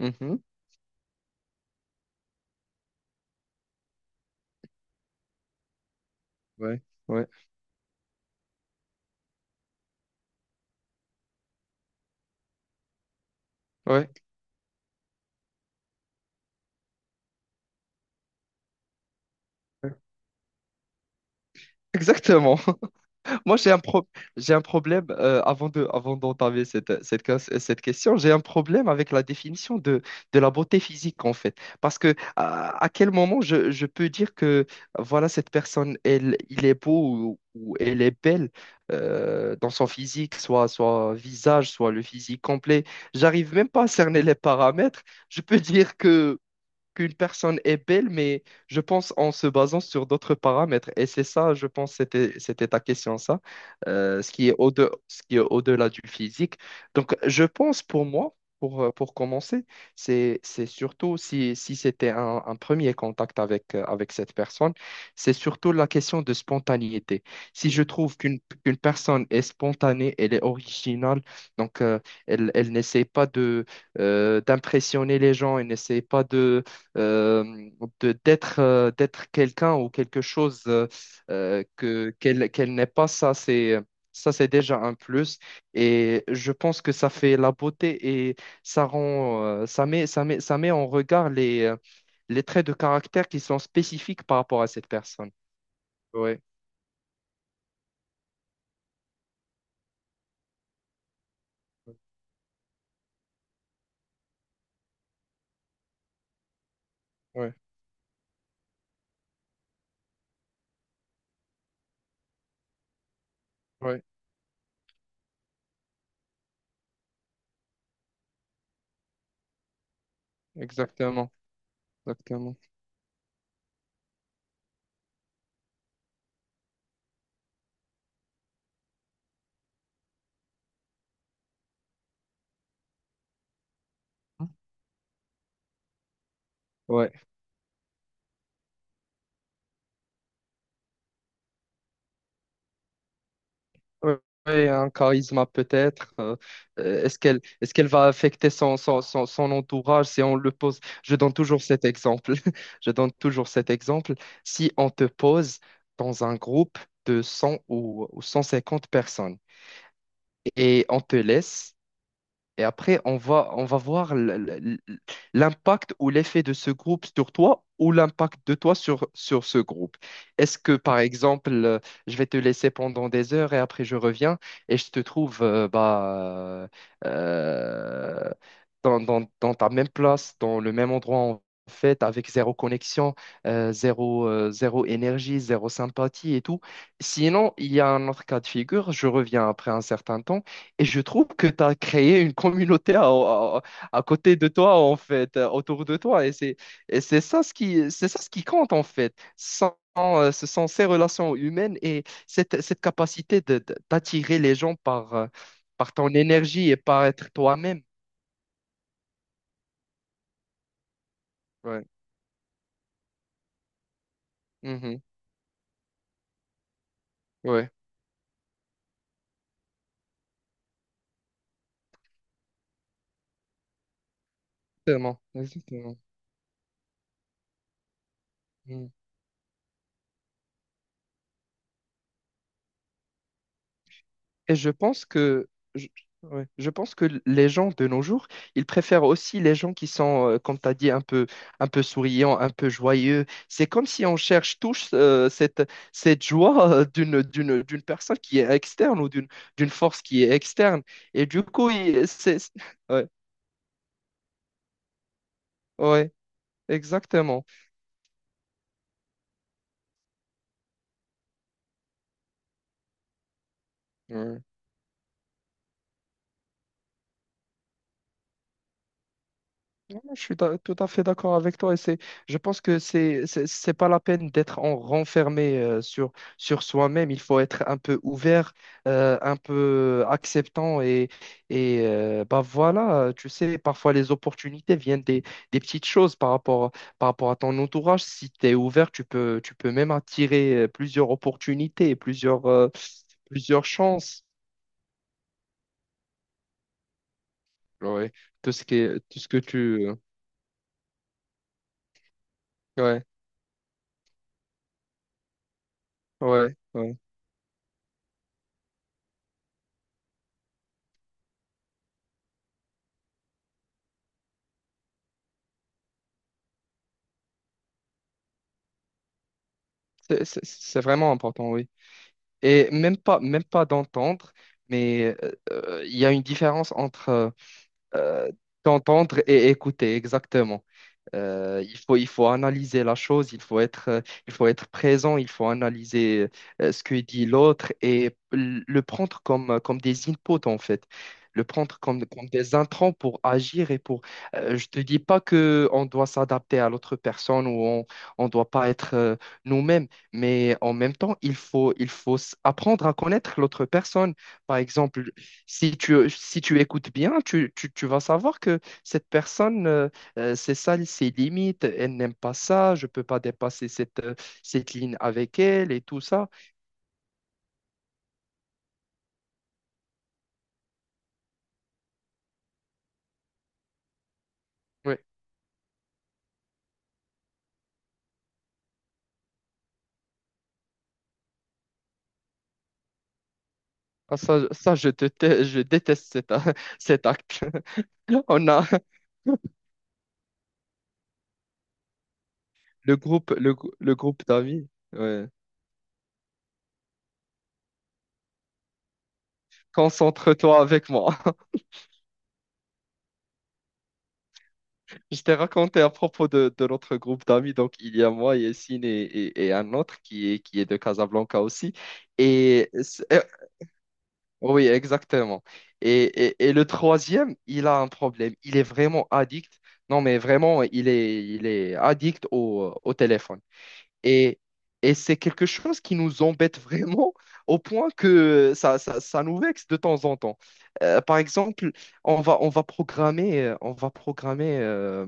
Mhm. Ouais. Ouais, ouais, exactement. Moi, j'ai un pro- J'ai un problème avant avant d'entamer cette question. J'ai un problème avec la définition de la beauté physique en fait, parce que à quel moment je peux dire que voilà cette personne, il est beau ou elle est belle dans son physique, soit visage, soit le physique complet. J'arrive même pas à cerner les paramètres. Je peux dire que Qu'une personne est belle, mais je pense en se basant sur d'autres paramètres. Et c'est ça, je pense, c'était ta question, ça. Ce qui est au-delà du physique. Donc, je pense pour moi, pour commencer, c'est surtout si, si c'était un premier contact avec cette personne, c'est surtout la question de spontanéité. Si je trouve qu'une personne est spontanée, elle est originale, donc elle, elle n'essaie pas de, d'impressionner les gens, elle n'essaie pas de euh, d'être d'être quelqu'un ou quelque chose que qu'elle n'est pas. Ça c'est déjà un plus. Et je pense que ça fait la beauté et ça rend ça met en regard les traits de caractère qui sont spécifiques par rapport à cette personne. Ouais, ouais, ouais, exactement, exactement. Ouais. Oui, un charisme peut-être. Est-ce qu'elle va affecter son, son, son, son entourage si on le pose? Je donne toujours cet exemple. Je donne toujours cet exemple. Si on te pose dans un groupe de 100 ou 150 personnes et on te laisse et après, on va voir l'impact ou l'effet de ce groupe sur toi ou l'impact de toi sur ce groupe. Est-ce que, par exemple, je vais te laisser pendant des heures et après je reviens et je te trouve euh, dans, dans ta même place, dans le même endroit en fait, avec zéro connexion, zéro, zéro énergie, zéro sympathie et tout. Sinon, il y a un autre cas de figure, je reviens après un certain temps. Et je trouve que tu as créé une communauté à côté de toi, en fait, autour de toi. Et c'est ça ce qui, c'est ça ce qui compte, en fait. Sans, ce sont ces relations humaines et cette, cette capacité d'attirer les gens par, par ton énergie et par être toi-même. Ouais. Mhm. Ouais. Exactement. Exactement. Mmh. Et je pense je, ouais, je pense que les gens de nos jours, ils préfèrent aussi les gens qui sont, comme tu as dit, un peu souriants, un peu joyeux. C'est comme si on cherche tous cette joie d'une personne qui est externe ou d'une, d'une force qui est externe. Et du coup, il- c'est, c'est- ouais, ouais, exactement. Ouais. Tout à fait d'accord avec toi et je pense que c'est pas la peine d'être en renfermé sur, sur soi-même. Il faut être un peu ouvert, un peu acceptant et, bah voilà, tu sais, parfois les opportunités viennent des petites choses par rapport à ton entourage. Si tu es ouvert, tu peux même attirer plusieurs opportunités, plusieurs, plusieurs chances. Ouais, tout ce qui est, tout ce que tu. Ouais, ouais. Ouais. C'est c'est vraiment important, oui. Et même pas d'entendre, mais il y a une différence entre euh, d'entendre et écouter, exactement. Il faut analyser la chose, il faut être présent, il faut analyser ce que dit l'autre et le prendre comme, comme des inputs en fait, le prendre comme, comme des intrants pour agir et pour. Je te dis pas que on doit s'adapter à l'autre personne ou on doit pas être nous-mêmes, mais en même temps apprendre à connaître l'autre personne. Par exemple, si tu écoutes bien, tu vas savoir que cette personne c'est ça ses limites, elle n'aime pas ça, je peux pas dépasser cette, cette ligne avec elle et tout ça. Oui, ça, je déteste cet acte. On a le groupe, le groupe d'amis. Ouais. Concentre-toi avec moi. Je t'ai raconté à propos de notre groupe d'amis. Donc, il y a moi, Yessine et un autre qui est de Casablanca aussi. Et, oui, exactement. Et le troisième, il a un problème. Il est vraiment addict. Non, mais vraiment, il est addict au, au téléphone. Et, et c'est quelque chose qui nous embête vraiment au point que ça nous vexe de temps en temps. Par exemple, on va programmer euh,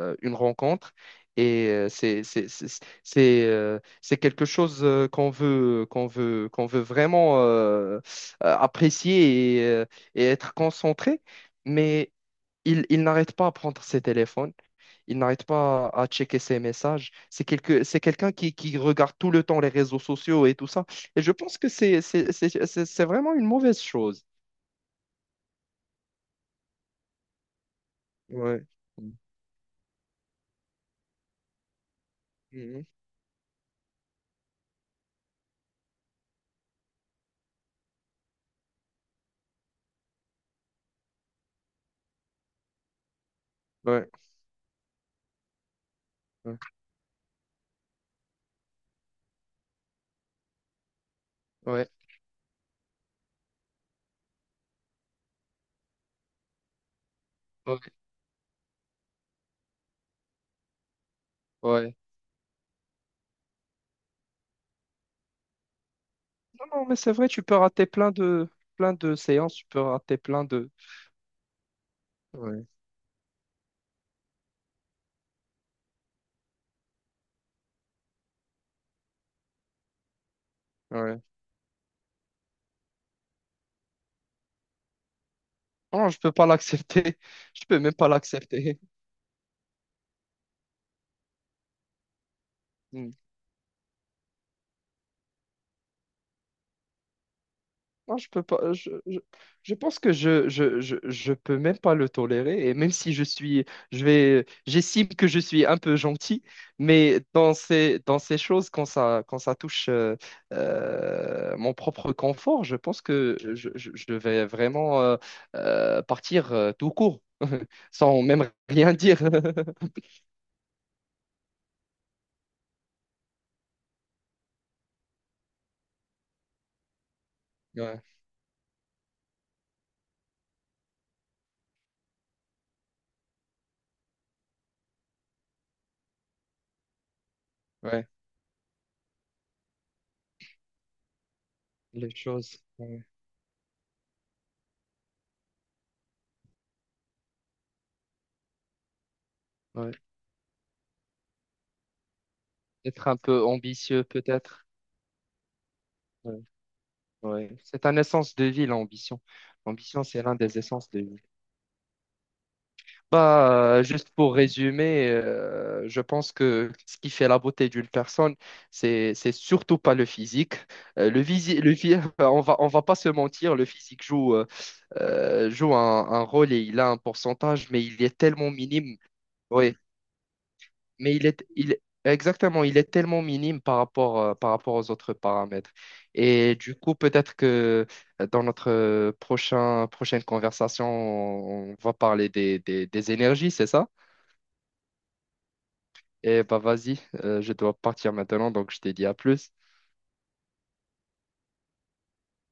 euh, une rencontre et c'est quelque chose qu'on veut vraiment apprécier et être concentré, mais il n'arrête pas à prendre ses téléphones. Il n'arrête pas à checker ses messages. C'est quelqu'un qui regarde tout le temps les réseaux sociaux et tout ça. Et je pense que c'est vraiment une mauvaise chose. Ouais. Mhm. Ouais. Ouais. Ouais. Ouais. Ouais. Non, non, mais c'est vrai, tu peux rater plein de séances, tu peux rater plein de. Ouais. Ouais. Non, je peux pas l'accepter. Je peux même pas l'accepter. Non, je peux pas. Je pense que je peux même pas le tolérer. Et même si je vais, j'estime que je suis un peu gentil, mais dans ces choses, quand ça touche mon propre confort, je pense que je vais vraiment partir tout court, sans même rien dire. Ouais, ouais, les choses. Ouais, ouais. Être un peu ambitieux, peut-être. Ouais. Ouais, c'est un essence de vie, l'ambition. L'ambition, c'est l'un des essences de vie. Bah, juste pour résumer, je pense que ce qui fait la beauté d'une personne, c'est surtout pas le physique. Le visi- le phy- On va pas se mentir, le physique joue joue un rôle et il a un pourcentage, mais il est tellement minime. Ouais. Mais il est, il, exactement, il est tellement minime par rapport aux autres paramètres. Et du coup, peut-être que dans notre prochaine conversation, on va parler des énergies, c'est ça? Et bah vas-y, je dois partir maintenant, donc je te dis à plus.